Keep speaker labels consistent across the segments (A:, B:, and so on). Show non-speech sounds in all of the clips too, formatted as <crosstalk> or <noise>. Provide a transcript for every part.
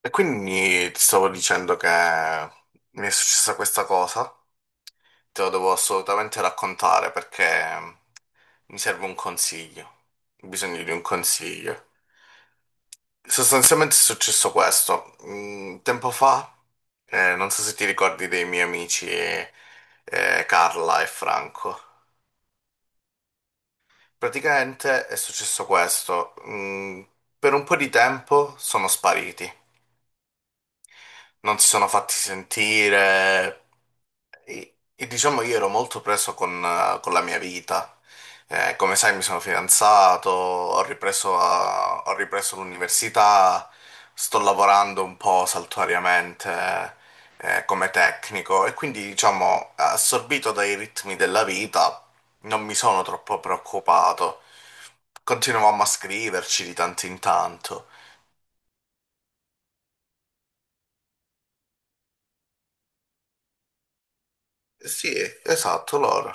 A: E quindi ti stavo dicendo che mi è successa questa cosa, te lo devo assolutamente raccontare perché mi serve un consiglio, ho bisogno di un consiglio. Sostanzialmente è successo questo, tempo fa, non so se ti ricordi dei miei amici Carla e Franco. Praticamente è successo questo, per un po' di tempo sono spariti, non si sono fatti sentire. E diciamo io ero molto preso con la mia vita. Come sai, mi sono fidanzato, ho ripreso l'università, sto lavorando un po' saltuariamente, come tecnico e quindi, diciamo, assorbito dai ritmi della vita, non mi sono troppo preoccupato. Continuavamo a scriverci di tanto in tanto. Sì, esatto, loro.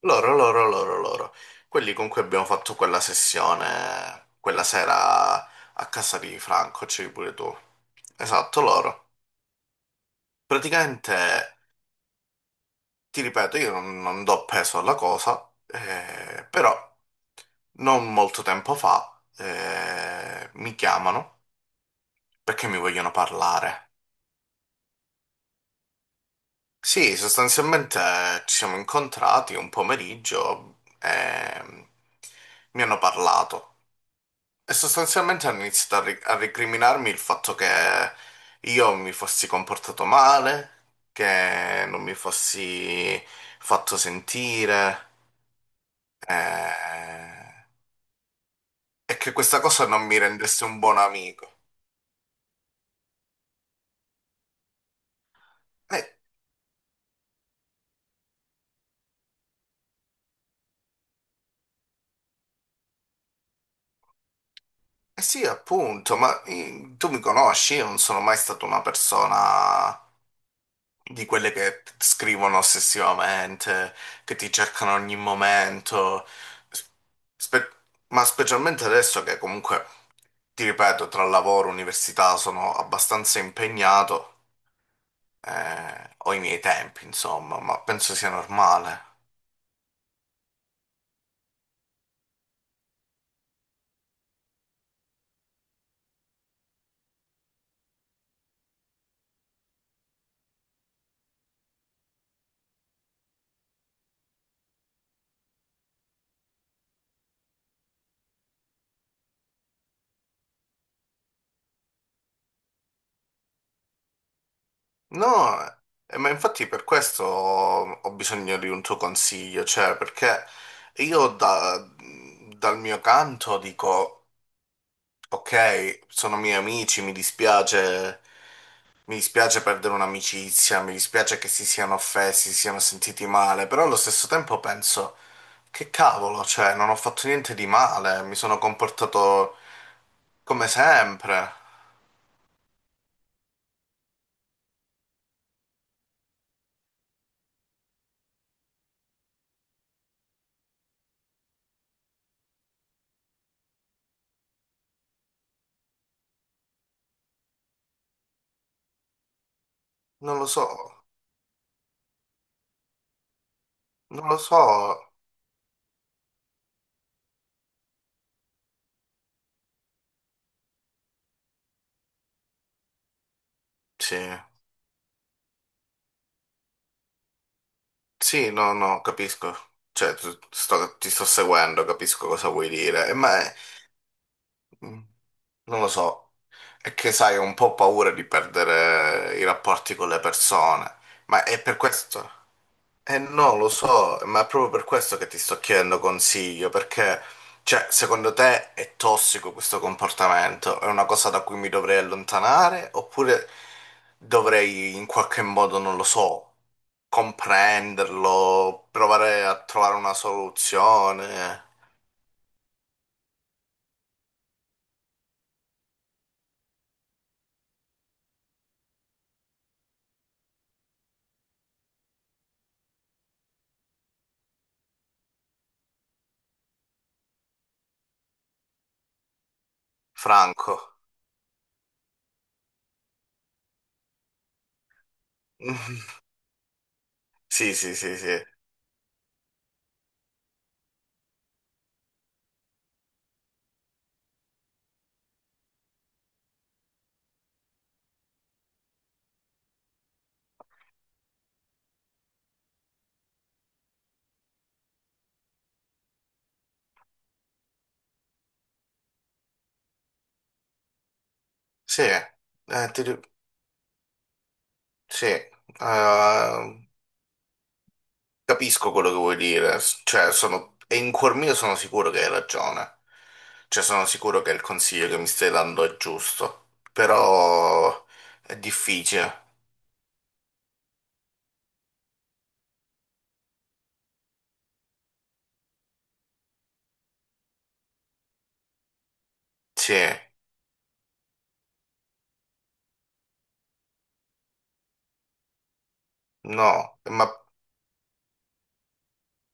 A: Loro, loro, loro, loro. Quelli con cui abbiamo fatto quella sessione, quella sera a casa di Franco, c'eri pure tu. Esatto, loro. Praticamente, ti ripeto, io non do peso alla cosa, però non molto tempo fa mi chiamano perché mi vogliono parlare. Sì, sostanzialmente ci siamo incontrati un pomeriggio e mi hanno parlato. E sostanzialmente hanno iniziato a recriminarmi il fatto che io mi fossi comportato male, che non mi fossi fatto sentire, eh, e che questa cosa non mi rendesse un buon amico. Eh, eh sì, appunto, ma tu mi conosci, io non sono mai stata una persona di quelle scrivono ossessivamente, che ti cercano a ogni momento, Spe- ma specialmente adesso che comunque... Ti ripeto, tra lavoro e università sono abbastanza impegnato, ho i miei tempi, insomma, ma penso sia normale. No, ma infatti per questo ho bisogno di un tuo consiglio, cioè perché io da- dal mio canto dico, ok, sono miei amici, mi dispiace perdere un'amicizia, mi dispiace che si siano offesi, si siano sentiti male, però allo stesso tempo penso... Che cavolo, cioè, non ho fatto niente di male, mi sono comportato come sempre. Non lo so, non lo so. Sì, sì, no, no, capisco. Cioè, ti sto seguendo, capisco cosa vuoi dire. Mm, non lo so. È che, sai, ho un po' paura di perdere i rapporti con le persone, ma è per questo. Eh no, lo so, ma è proprio per questo che ti sto chiedendo consiglio, perché, cioè, secondo te è tossico questo comportamento? È una cosa da cui mi dovrei allontanare? Oppure dovrei in qualche modo, non lo so, comprenderlo, provare a trovare una soluzione? Franco. <laughs> Sì, sì, sì, sì. Sì, sì, capisco quello che vuoi dire, cioè, sono, e in cuor mio sono sicuro che hai ragione. Cioè, sono sicuro che il consiglio che mi stai dando è giusto, però è difficile. Sì, no, ma.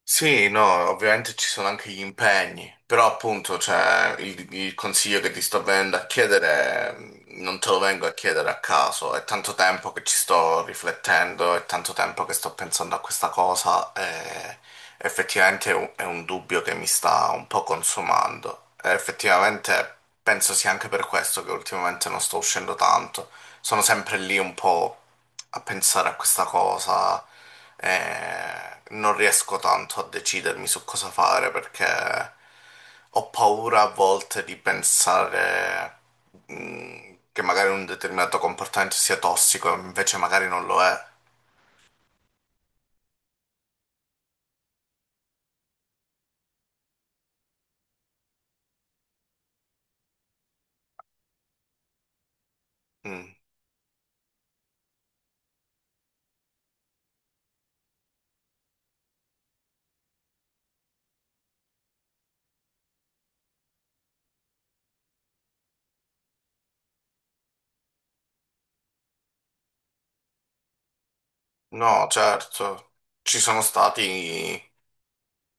A: Sì, no, ovviamente ci sono anche gli impegni, però appunto, cioè, il consiglio che ti sto venendo a chiedere, non te lo vengo a chiedere a caso, è tanto tempo che ci sto riflettendo, è tanto tempo che sto pensando a questa cosa e effettivamente è un dubbio che mi sta un po' consumando. E effettivamente penso sia anche per questo che ultimamente non sto uscendo tanto, sono sempre lì un po' a pensare a questa cosa e non riesco tanto a decidermi su cosa fare perché ho paura a volte di pensare che magari un determinato comportamento sia tossico, invece magari non lo è. Mm. No, certo, ci sono stati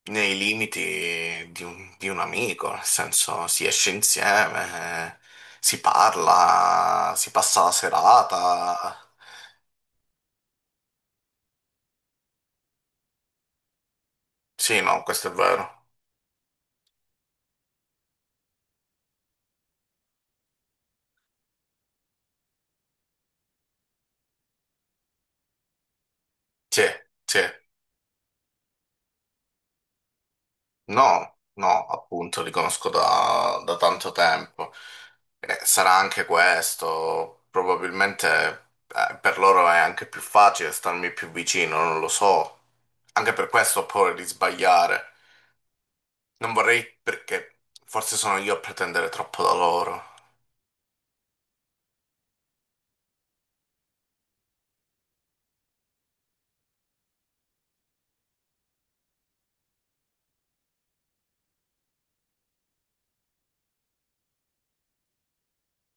A: nei limiti di un amico, nel senso si esce insieme, si parla, si passa la serata. Sì, no, questo è vero. Sì, sì. No, no, appunto, li conosco da tanto tempo. Sarà anche questo, probabilmente per loro è anche più facile starmi più vicino, non lo so. Anche per questo ho paura di sbagliare. Non vorrei perché forse sono io a pretendere troppo da loro.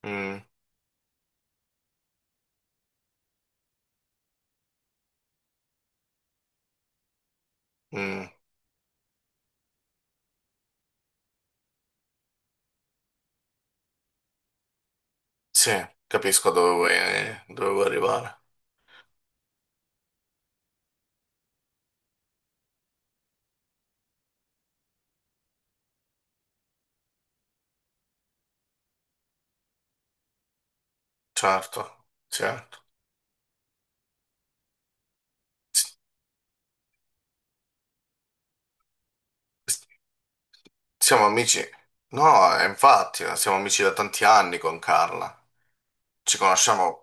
A: Mm, mm, sì, capisco dove vuoi arrivare. Certo, certo. S- Siamo amici. No, infatti, siamo amici da tanti anni con Carla. Ci conosciamo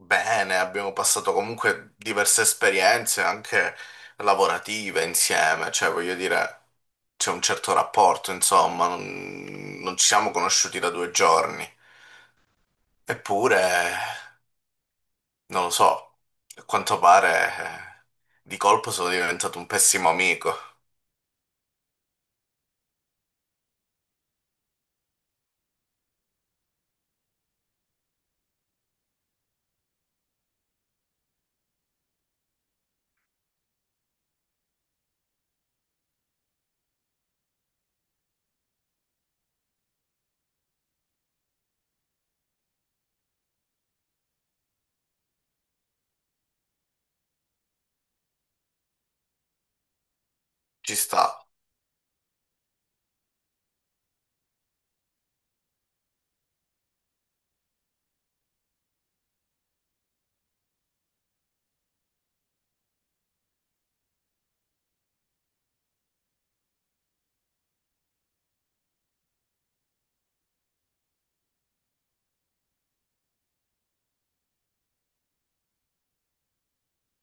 A: bene, abbiamo passato comunque diverse esperienze anche lavorative insieme, cioè voglio dire, c'è un certo rapporto, insomma, non ci siamo conosciuti da due giorni. Eppure, non lo so, a quanto pare di colpo sono diventato un pessimo amico. Ci sta.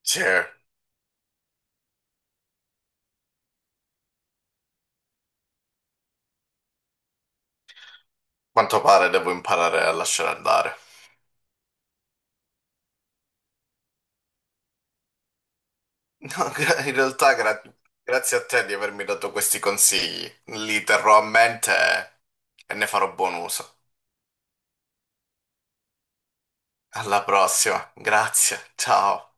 A: Sì, a quanto pare devo imparare a lasciare andare. <laughs> No, in realtà grazie a te di avermi dato questi consigli. Li terrò a mente e ne farò buon uso. Alla prossima, grazie, ciao.